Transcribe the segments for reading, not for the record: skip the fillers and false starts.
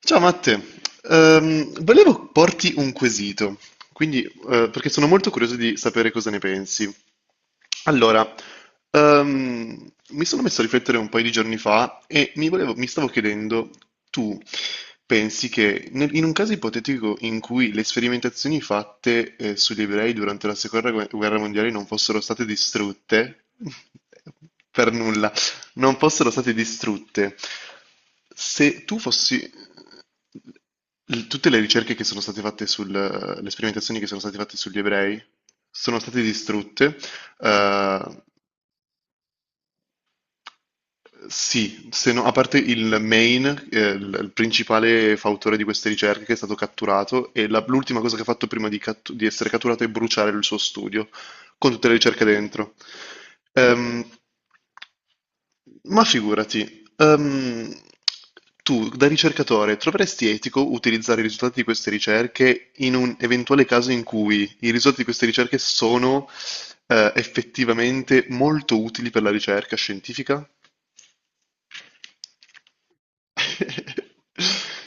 Ciao Matte, volevo porti un quesito, quindi, perché sono molto curioso di sapere cosa ne pensi. Allora, mi sono messo a riflettere un paio di giorni fa e mi stavo chiedendo, tu pensi che in un caso ipotetico in cui le sperimentazioni fatte, sugli ebrei durante la seconda guerra mondiale non fossero state distrutte per nulla, non fossero state distrutte. Se tu fossi... Tutte le ricerche che sono state fatte sul... le sperimentazioni che sono state fatte sugli ebrei sono state distrutte eh, sì, se no- a parte il main, il principale fautore di queste ricerche che è stato catturato, e l'ultima cosa che ha fatto prima di, di essere catturato è bruciare il suo studio, con tutte le ricerche dentro. Ehm, ma figurati, tu da ricercatore troveresti etico utilizzare i risultati di queste ricerche in un eventuale caso in cui i risultati di queste ricerche sono, effettivamente molto utili per la ricerca scientifica?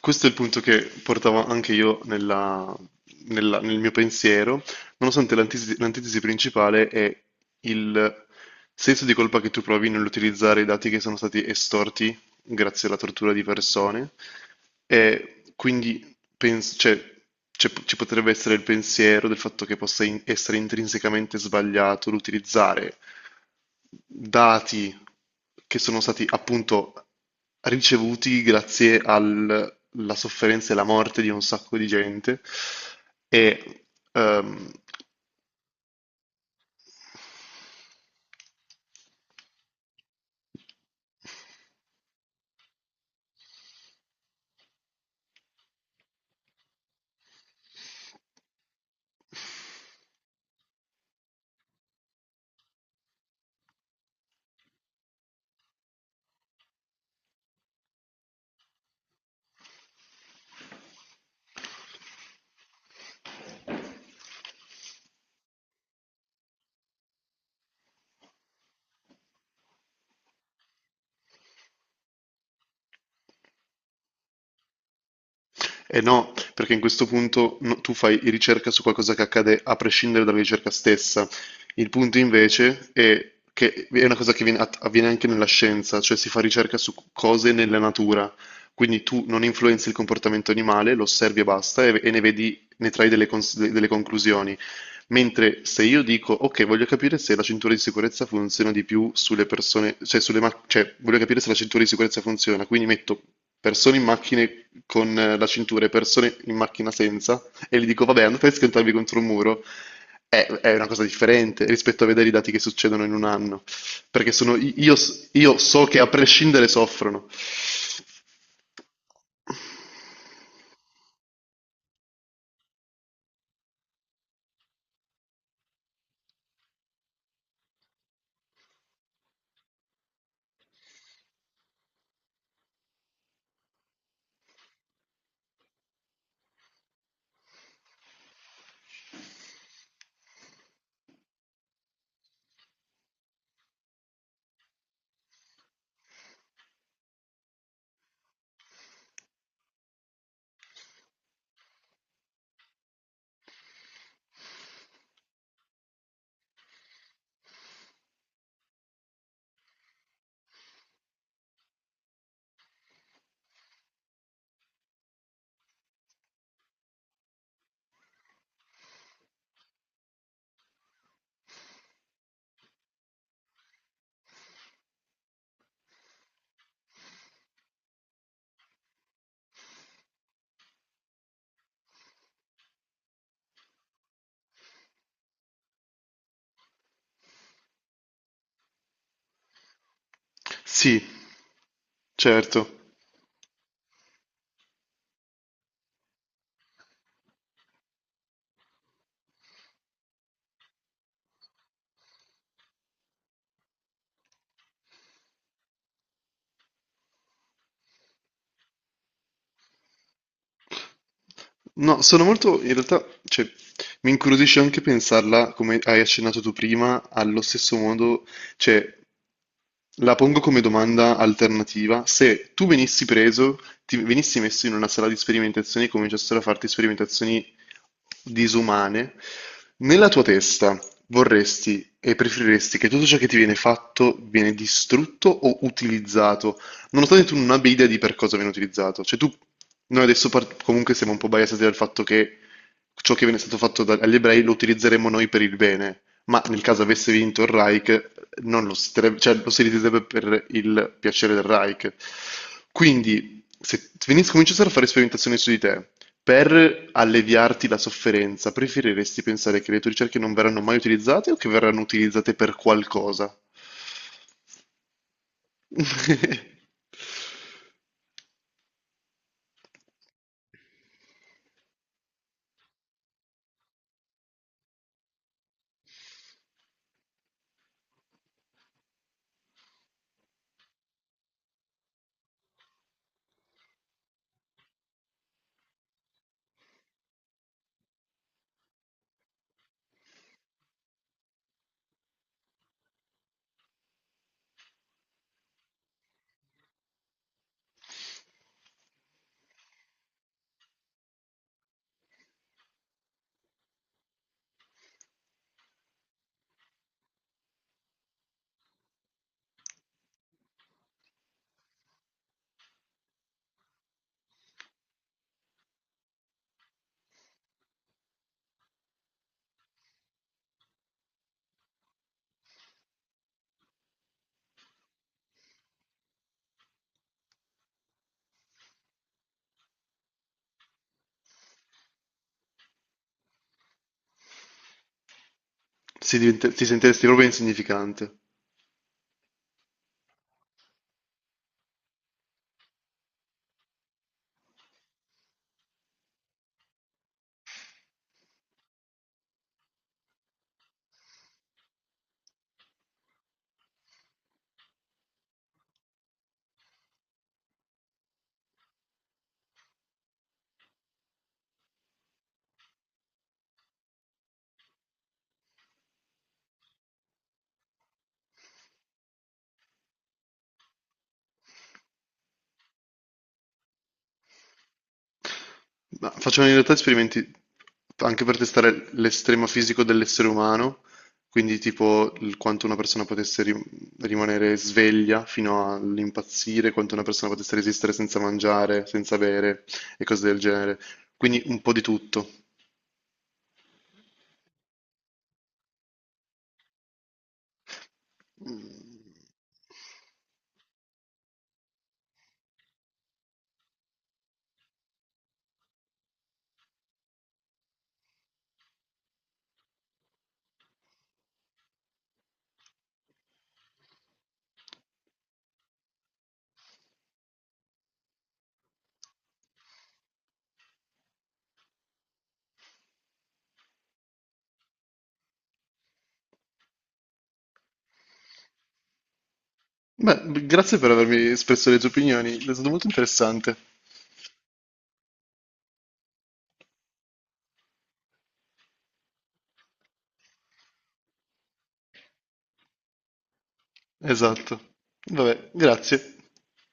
Questo è il punto che portavo anche io nel mio pensiero, nonostante l'antitesi principale è il senso di colpa che tu provi nell'utilizzare i dati che sono stati estorti grazie alla tortura di persone, e quindi cioè, ci potrebbe essere il pensiero del fatto che possa essere intrinsecamente sbagliato l'utilizzare dati che sono stati appunto ricevuti grazie alla sofferenza e alla morte di un sacco di gente e ehm, e no, perché in questo punto no, tu fai ricerca su qualcosa che accade a prescindere dalla ricerca stessa. Il punto invece è che è una cosa che avviene anche nella scienza, cioè si fa ricerca su cose nella natura. Quindi tu non influenzi il comportamento animale, lo osservi e basta, e ne vedi, ne trai delle conclusioni. Mentre se io dico, ok, voglio capire se la cintura di sicurezza funziona di più sulle persone, cioè sulle macchine, cioè voglio capire se la cintura di sicurezza funziona, quindi metto persone in macchine con la cintura e persone in macchina senza, e gli dico, vabbè, andate a schiantarvi contro un muro, è una cosa differente rispetto a vedere i dati che succedono in un anno, perché sono, io so che a prescindere soffrono. Sì, certo. No, sono molto, in realtà, cioè, mi incuriosisce anche pensarla, come hai accennato tu prima, allo stesso modo, cioè, la pongo come domanda alternativa: se tu venissi preso, ti venissi messo in una sala di sperimentazioni e cominciassero a farti sperimentazioni disumane, nella tua testa vorresti e preferiresti che tutto ciò che ti viene fatto viene distrutto o utilizzato, nonostante tu non abbia idea di per cosa viene utilizzato. Cioè tu, noi adesso comunque siamo un po' biasati dal fatto che ciò che viene stato fatto agli ebrei lo utilizzeremo noi per il bene, ma nel caso avesse vinto il Reich, non lo cioè, lo si riderebbe per il piacere del Reich. Quindi, se cominciassero a fare sperimentazioni su di te, per alleviarti la sofferenza, preferiresti pensare che le tue ricerche non verranno mai utilizzate o che verranno utilizzate per qualcosa? Ti sentiresti proprio insignificante. Ma facevano in realtà esperimenti anche per testare l'estremo fisico dell'essere umano, quindi tipo quanto una persona potesse rimanere sveglia fino all'impazzire, quanto una persona potesse resistere senza mangiare, senza bere e cose del genere. Quindi un po' di tutto. Mm. Beh, grazie per avermi espresso le tue opinioni, è stato molto interessante. Esatto. Vabbè, grazie.